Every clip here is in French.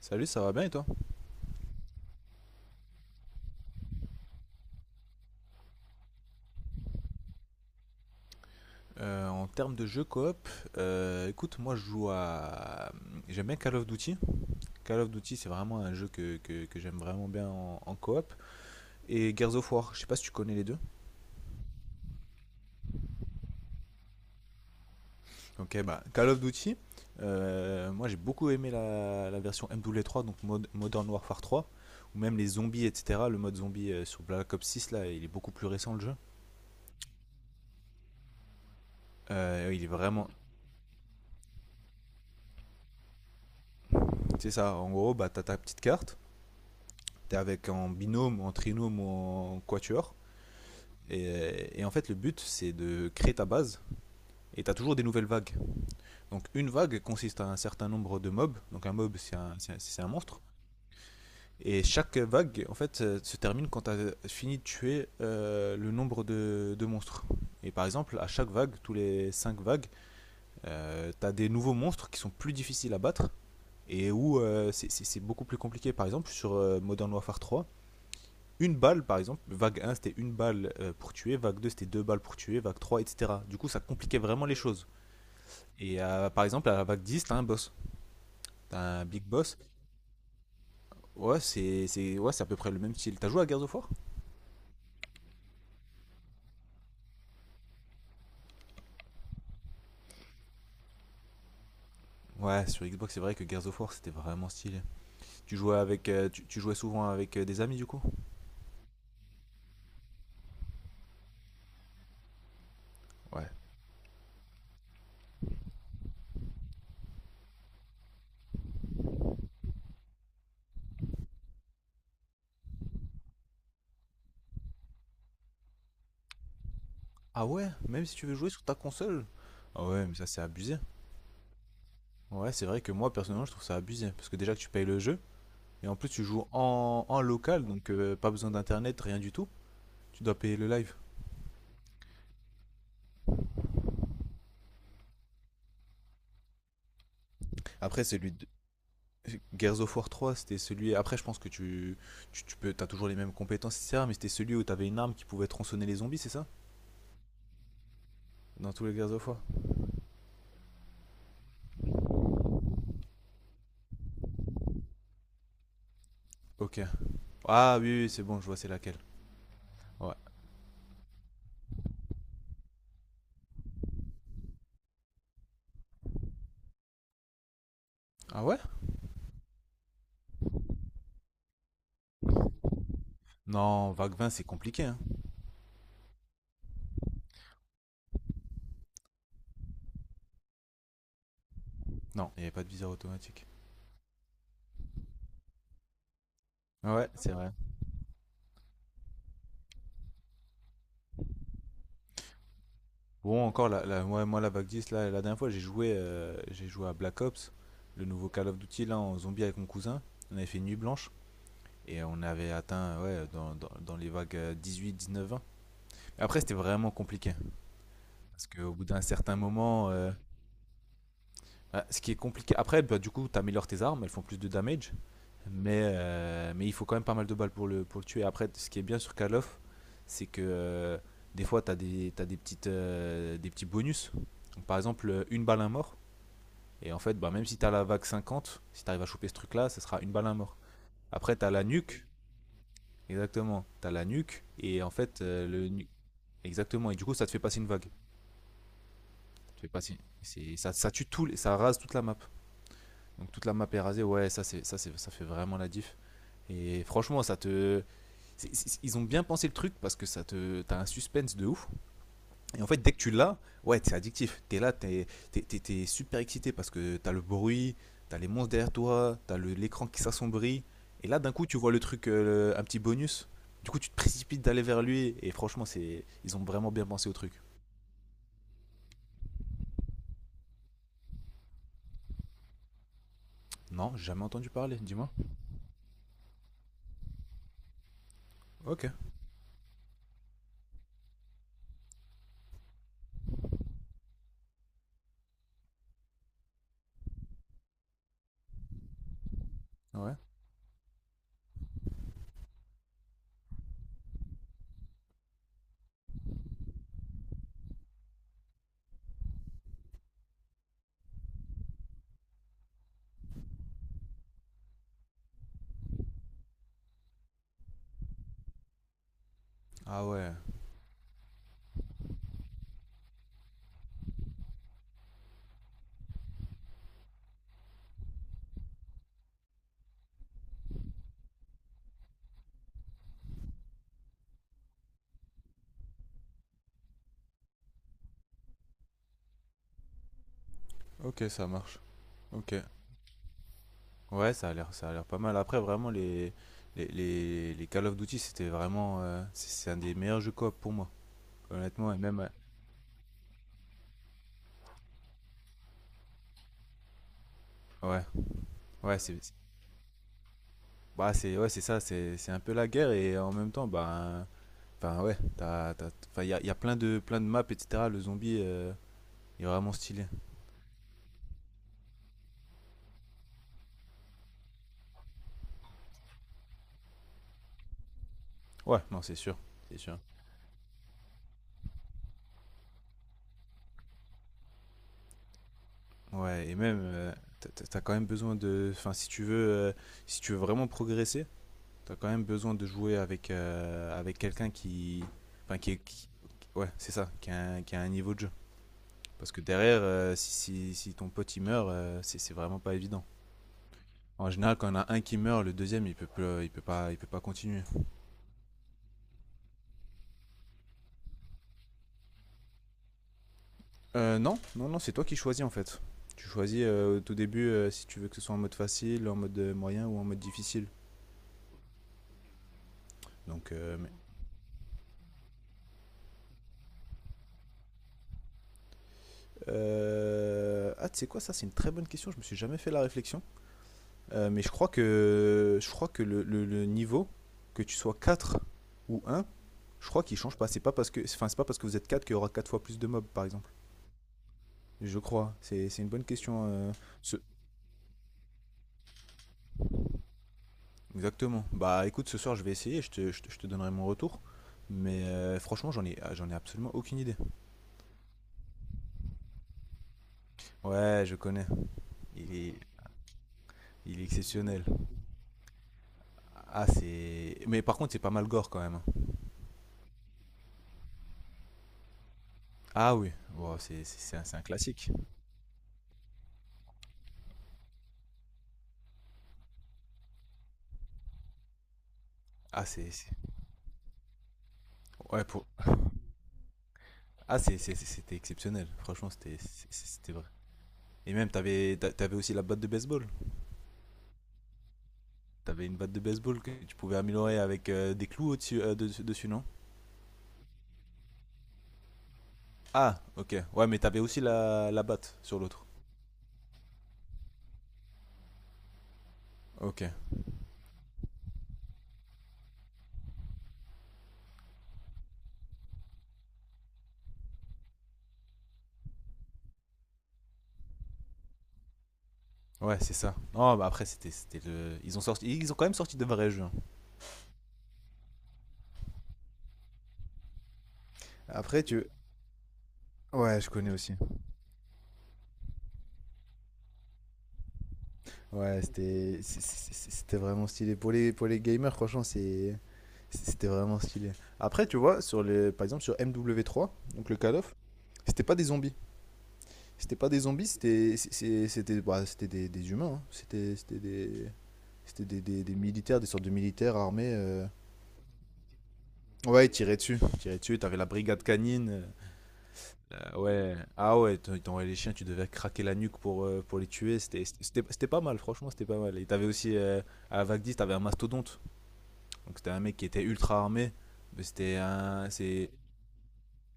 Salut, ça va bien et toi? En termes de jeux coop, écoute, moi je joue à... J'aime bien Call of Duty. Call of Duty, c'est vraiment un jeu que j'aime vraiment bien en coop. Et Gears of War, je sais pas si tu connais les deux. Ok, bah Call of Duty, moi j'ai beaucoup aimé la version MW3, donc Modern Warfare 3, ou même les zombies, etc. Le mode zombie sur Black Ops 6, là, il est beaucoup plus récent le jeu. Il est vraiment... C'est ça, en gros, bah t'as ta petite carte, t'es avec en binôme, en trinôme ou en quatuor. Et en fait, le but, c'est de créer ta base. Et tu as toujours des nouvelles vagues. Donc, une vague consiste à un certain nombre de mobs. Donc, un mob, c'est un monstre. Et chaque vague, en fait, se termine quand tu as fini de tuer le nombre de monstres. Et par exemple, à chaque vague, tous les 5 vagues, tu as des nouveaux monstres qui sont plus difficiles à battre et où beaucoup plus compliqué. Par exemple, sur Modern Warfare 3, une balle, par exemple, vague un c'était une balle pour tuer, vague 2 c'était deux balles pour tuer, vague 3, etc. Du coup, ça compliquait vraiment les choses. Et par exemple, à la vague 10 t'as un boss, t'as un big boss. Ouais, ouais, c'est à peu près le même style. T'as joué à Gears of War? Ouais, sur Xbox, c'est vrai que Gears of War c'était vraiment stylé. Tu jouais souvent avec des amis du coup. Ouais. Ah ouais, même si tu veux jouer sur ta console. Ah ouais, mais ça c'est abusé. Ouais, c'est vrai que moi personnellement je trouve ça abusé parce que déjà que tu payes le jeu et en plus tu joues en local donc pas besoin d'internet, rien du tout. Tu dois payer le live. Après, celui de Gears of War 3, c'était celui. Après, je pense que tu peux, t'as toujours les mêmes compétences, etc. Mais c'était celui où t'avais une arme qui pouvait tronçonner les zombies, c'est ça? Dans tous les Gears of War. Ok. Ah oui, oui, c'est bon, je vois c'est laquelle. Ouais. Ah ouais. Non, Vague 20, c'est compliqué. Hein. Non, il n'y avait pas de viseur automatique. Ouais, c'est vrai. Bon, encore, ouais, moi, la Vague 10, là, la dernière fois, j'ai joué à Black Ops, le nouveau Call of Duty, là, en zombie avec mon cousin. On avait fait une nuit blanche. Et on avait atteint, ouais, dans les vagues 18, 19, 20. Après, c'était vraiment compliqué. Parce qu'au bout d'un certain moment, bah, ce qui est compliqué. Après, bah, du coup, tu améliores tes armes, elles font plus de damage. Mais il faut quand même pas mal de balles pour le tuer. Après, ce qui est bien sur Call of, c'est que des fois, tu as, des, t'as des, petites, des petits bonus. Donc, par exemple, une balle, un mort. Et en fait, bah, même si tu as la vague 50, si tu arrives à choper ce truc-là, ce sera une balle, un mort. Après, tu as la nuque. Exactement, t'as la nuque. Exactement, et du coup ça te fait passer une vague. Ça te fait passer- c'est- ça tue tout, ça rase toute la map. Donc toute la map est rasée, ouais, ça fait vraiment la diff. Et franchement, ça te. C'est- ils ont bien pensé le truc parce que ça te. T'as un suspense de ouf. Et en fait, dès que tu l'as, ouais, t'es addictif. T'es là, t'es super excité parce que t'as le bruit, t'as les monstres derrière toi, t'as l'écran qui s'assombrit. Et là, d'un coup, tu vois le truc, un petit bonus. Du coup, tu te précipites d'aller vers lui. Et franchement, ils ont vraiment bien pensé au truc. Non, jamais entendu parler, dis-moi. Ok. Ouais. Ah ouais, ok, ça marche. Ok. Ouais, ça a l'air pas mal. Après, vraiment, les Call of Duty, c'était vraiment. C'est un des meilleurs jeux coop pour moi, honnêtement. Et même. Ouais, ouais, bah, c'est ouais, c'est ça, c'est un peu la guerre et en même temps, bah. Enfin, ouais, enfin, il y a plein de maps, etc. Le zombie il est vraiment stylé. Ouais, non, c'est sûr, c'est sûr. Ouais, et même, t'as quand même besoin de. Enfin, si tu veux vraiment progresser. T'as quand même besoin de jouer avec quelqu'un qui. Enfin, qui. Ouais, c'est ça, qui a un niveau de jeu. Parce que derrière, si ton pote il meurt, c'est vraiment pas évident. En général, quand on a un qui meurt, le deuxième il peut, plus- il peut pas continuer. Non, non, non, c'est toi qui choisis en fait. Tu choisis au tout début si tu veux que ce soit en mode facile, en mode moyen ou en mode difficile. Donc. Ah, tu sais quoi, ça c'est une très bonne question, je me suis jamais fait la réflexion. Mais je crois que le niveau, que tu sois 4 ou un, je crois qu'il change pas. C'est pas parce que, enfin, c'est pas parce que vous êtes 4 qu'il y aura 4 fois plus de mobs, par exemple. Je crois. C'est une bonne question. Ce- Exactement. Bah écoute, ce soir je vais essayer, je te donnerai mon retour. Mais franchement, j'en ai absolument aucune idée. Ouais, je connais. Il est, il est exceptionnel. Ah, c'est. Mais par contre, c'est pas mal gore quand même. Ah oui, Wow, c'est un classique. Ah. Ouais, pour. Ah, c'était exceptionnel. Franchement, c'était vrai. Et même, t'avais aussi la batte de baseball. T'avais une batte de baseball que tu pouvais améliorer avec des clous au-dessus, dessus, non? Ah, ok. Ouais, mais t'avais aussi la batte sur l'autre. Ok. Ouais, c'est ça. Non, bah après, c'était le. Ils ont sorti. Ils ont quand même sorti de vrais jeux. Hein. Après, tu. Ouais, je connais aussi. Ouais, c'était c'est- c'était vraiment stylé. Pour les gamers, franchement, c'était vraiment stylé. Après, tu vois, sur les. Par exemple, sur MW3, donc le Call of, c'était pas des zombies. C'était pas des zombies, c'était bah, c'était des humains. Hein. C'était des. C'était des, des militaires, des sortes de militaires armés. Ouais, ils tiraient dessus, ils tiraient dessus. T'avais la brigade canine. Ouais, ah ouais, t'envoyais les chiens, tu devais craquer la nuque pour les tuer. C'était pas mal, franchement, c'était pas mal. Et t'avais aussi à Vagdis, t'avais un mastodonte. Donc c'était un mec qui était ultra armé, mais c'est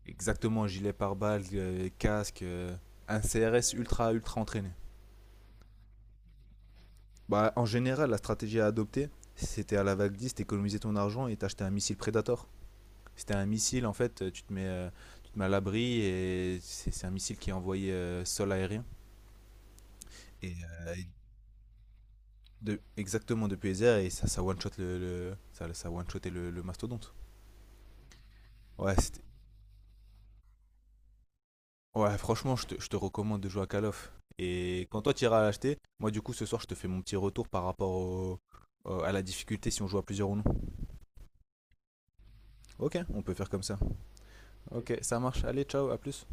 exactement un gilet pare-balles, casque, un CRS ultra ultra entraîné. Bah, en général, la stratégie à adopter, c'était à la vague 10, t'économisais ton argent et t'achetais un missile Predator. C'était un missile, en fait, tu te mets à l'abri et c'est un missile qui est envoyé sol-aérien. Et, et exactement depuis les airs et ça one-shotait le mastodonte. Ouais, ouais franchement, je te recommande de jouer à Call of. Et quand toi tu iras l'acheter, moi du coup ce soir je te fais mon petit retour par rapport à la difficulté si on joue à plusieurs ou non. Ok, on peut faire comme ça. Ok, ça marche. Allez, ciao, à plus.